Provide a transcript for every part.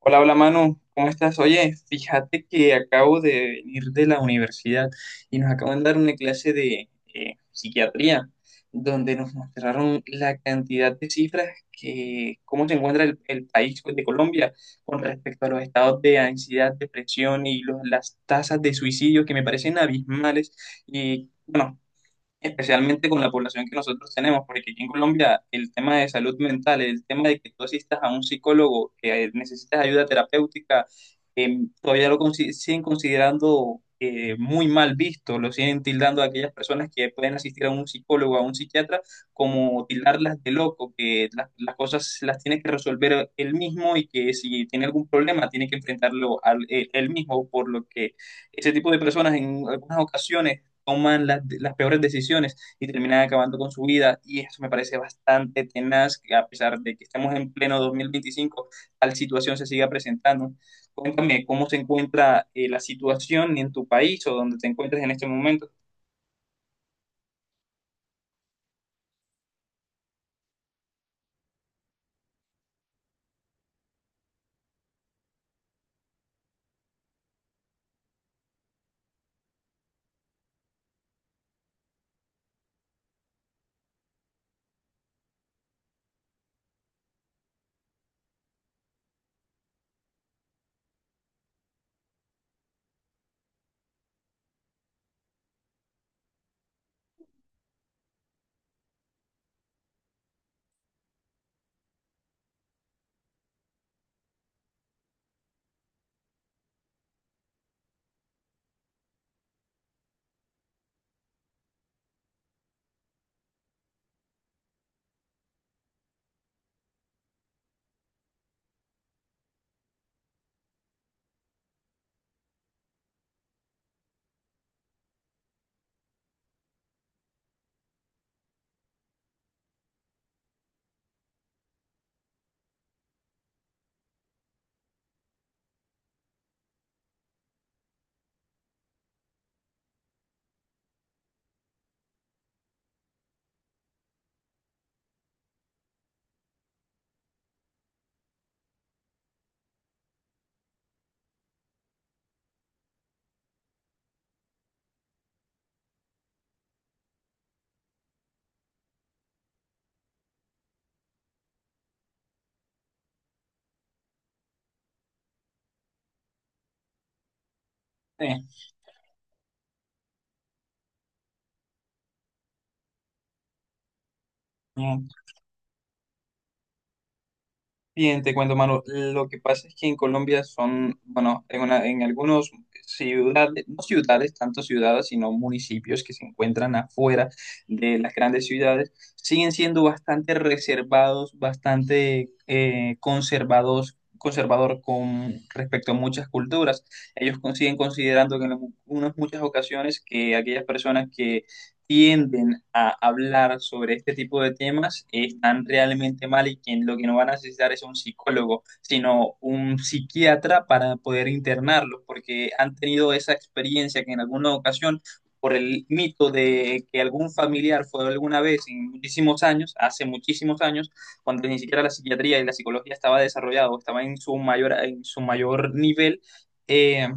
Hola, hola Manu, ¿cómo estás? Oye, fíjate que acabo de venir de la universidad y nos acaban de dar una clase de psiquiatría, donde nos mostraron la cantidad de cifras que, cómo se encuentra el país pues, de Colombia con respecto a los estados de ansiedad, depresión y las tasas de suicidio que me parecen abismales. Y bueno, especialmente con la población que nosotros tenemos, porque aquí en Colombia el tema de salud mental, el tema de que tú asistas a un psicólogo, que necesitas ayuda terapéutica, eh, todavía lo siguen considerando muy mal visto, lo siguen tildando a aquellas personas que pueden asistir a un psicólogo, a un psiquiatra, como tildarlas de loco, que las cosas las tiene que resolver él mismo y que si tiene algún problema tiene que enfrentarlo él mismo, por lo que ese tipo de personas en algunas ocasiones toman las peores decisiones y terminan acabando con su vida. Y eso me parece bastante tenaz, que a pesar de que estamos en pleno 2025, tal situación se siga presentando. Cuéntame cómo se encuentra la situación en tu país o donde te encuentres en este momento. Eh, Bien, te cuento, Manu. Lo que pasa es que en Colombia son, bueno, en, en algunos ciudades, no ciudades, tanto ciudades, sino municipios que se encuentran afuera de las grandes ciudades, siguen siendo bastante reservados, bastante conservados, conservador con respecto a muchas culturas. Ellos siguen considerando que en algunas muchas ocasiones que aquellas personas que tienden a hablar sobre este tipo de temas están realmente mal y que lo que no van a necesitar es un psicólogo, sino un psiquiatra para poder internarlos, porque han tenido esa experiencia que en alguna ocasión, por el mito de que algún familiar fue alguna vez en muchísimos años, hace muchísimos años, cuando ni siquiera la psiquiatría y la psicología estaba desarrollado, estaba en su mayor nivel, eh,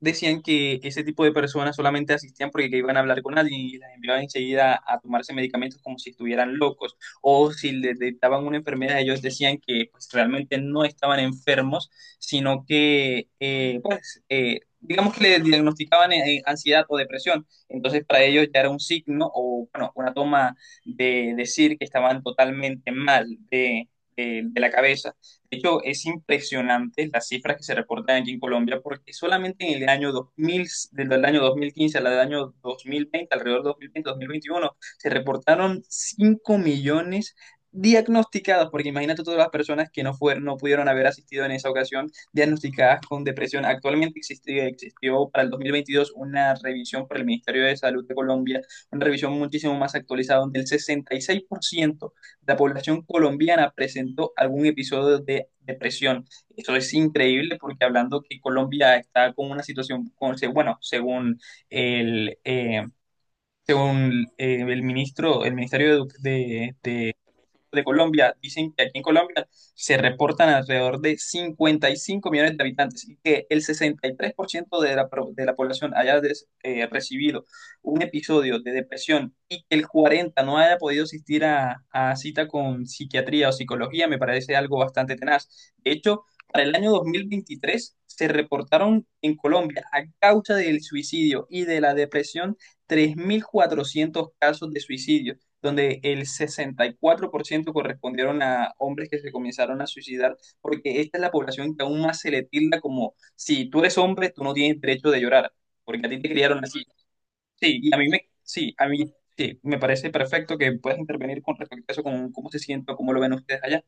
decían que ese tipo de personas solamente asistían porque que iban a hablar con alguien y las enviaban enseguida a tomarse medicamentos como si estuvieran locos o si les detectaban una enfermedad, ellos decían que pues, realmente no estaban enfermos, sino que digamos que le diagnosticaban ansiedad o depresión, entonces para ellos ya era un signo o bueno, una toma de decir que estaban totalmente mal de, de la cabeza. De hecho, es impresionante las cifras que se reportan aquí en Colombia, porque solamente en el año 2000, desde el año 2015 al año 2020, alrededor de 2020-2021, se reportaron 5 millones diagnosticadas, porque imagínate todas las personas que no, fueron, no pudieron haber asistido en esa ocasión, diagnosticadas con depresión. Actualmente existió para el 2022 una revisión por el Ministerio de Salud de Colombia, una revisión muchísimo más actualizada, donde el 66% la población colombiana presentó algún episodio de depresión. Eso es increíble porque hablando que Colombia está con una situación, bueno, según el, eh, según el ministro, el Ministerio de, de Colombia. Dicen que aquí en Colombia se reportan alrededor de 55 millones de habitantes y que el 63% de de la población haya recibido un episodio de depresión y que el 40% no haya podido asistir a cita con psiquiatría o psicología, me parece algo bastante tenaz. De hecho, para el año 2023 se reportaron en Colombia a causa del suicidio y de la depresión 3.400 casos de suicidio donde el 64% correspondieron a hombres que se comenzaron a suicidar, porque esta es la población que aún más se le tilda como, si tú eres hombre, tú no tienes derecho de llorar, porque a ti te criaron así. Sí, y a mí, sí, me parece perfecto que puedas intervenir con respecto a eso, con cómo se siente, o cómo lo ven ustedes allá.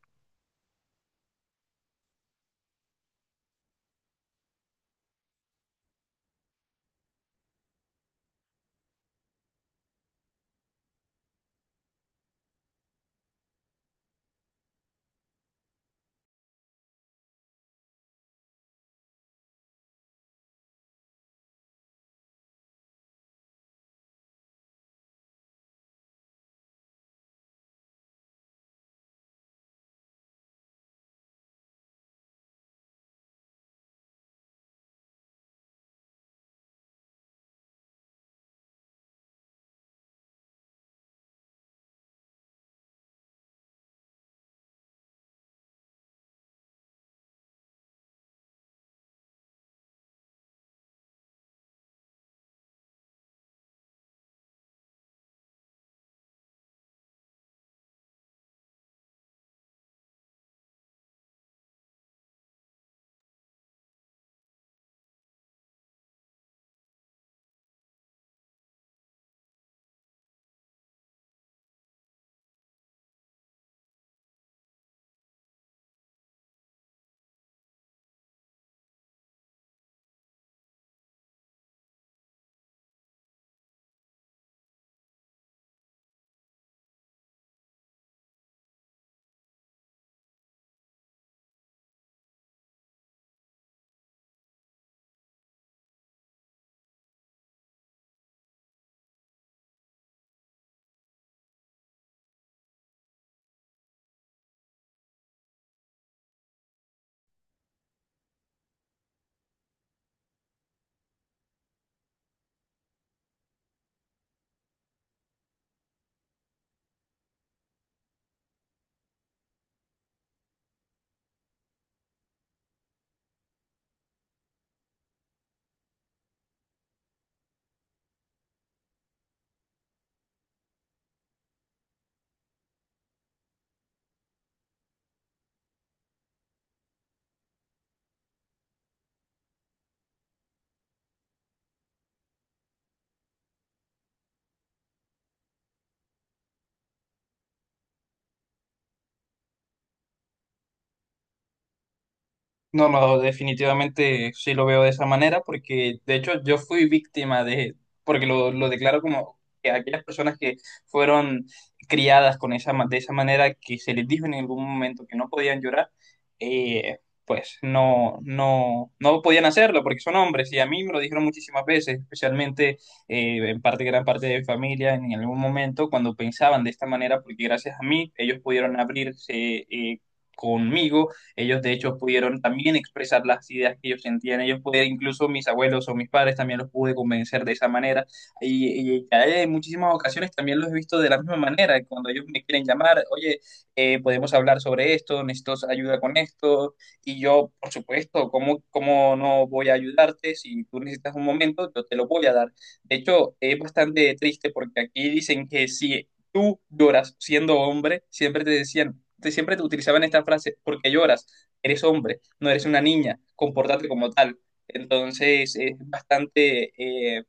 No, no, definitivamente sí lo veo de esa manera, porque de hecho yo fui víctima de, porque lo declaro como que aquellas personas que fueron criadas con de esa manera, que se les dijo en algún momento que no podían llorar, eh, pues no podían hacerlo porque son hombres, y a mí me lo dijeron muchísimas veces, especialmente en parte, gran parte de mi familia, en algún momento cuando pensaban de esta manera, porque gracias a mí ellos pudieron abrirse conmigo. Ellos de hecho pudieron también expresar las ideas que ellos sentían, ellos pudieron, incluso mis abuelos o mis padres también los pude convencer de esa manera. Y en muchísimas ocasiones también los he visto de la misma manera, cuando ellos me quieren llamar, oye, podemos hablar sobre esto, necesito ayuda con esto, y yo, por supuesto, ¿cómo, cómo no voy a ayudarte? Si tú necesitas un momento, yo te lo voy a dar. De hecho, es bastante triste porque aquí dicen que si tú lloras siendo hombre, siempre te decían, siempre te utilizaban esta frase: porque lloras? Eres hombre, no eres una niña, compórtate como tal. Entonces es bastante, eh,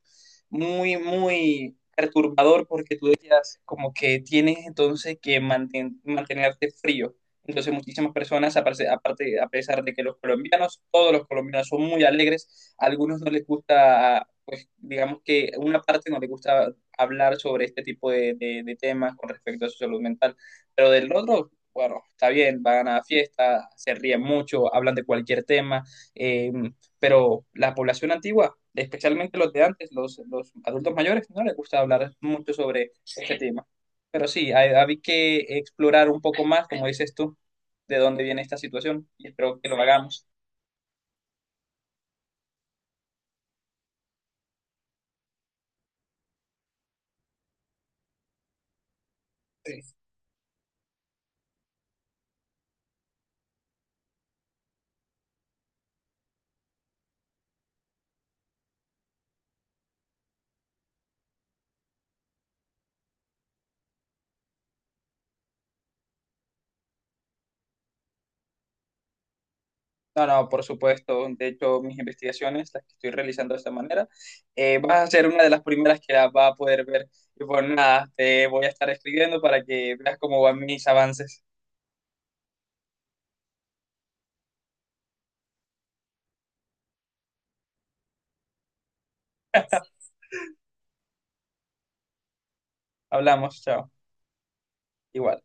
muy, muy perturbador porque tú decías como que tienes entonces que mantenerte frío. Entonces muchísimas personas, a pesar de que los colombianos, todos los colombianos son muy alegres, a algunos no les gusta, pues digamos que una parte no les gusta hablar sobre este tipo de temas con respecto a su salud mental, pero del otro bueno, está bien, van a la fiesta, se ríen mucho, hablan de cualquier tema, eh, pero la población antigua, especialmente los de antes, los adultos mayores, no les gusta hablar mucho sobre este Sí. tema. Pero sí, hay que explorar un poco más, como dices tú, de dónde viene esta situación y espero que lo hagamos. No, no, por supuesto. De hecho, mis investigaciones, las que estoy realizando de esta manera, vas a ser una de las primeras que las va a poder ver. Y pues nada, te voy a estar escribiendo para que veas cómo van mis avances. Hablamos, chao. Igual.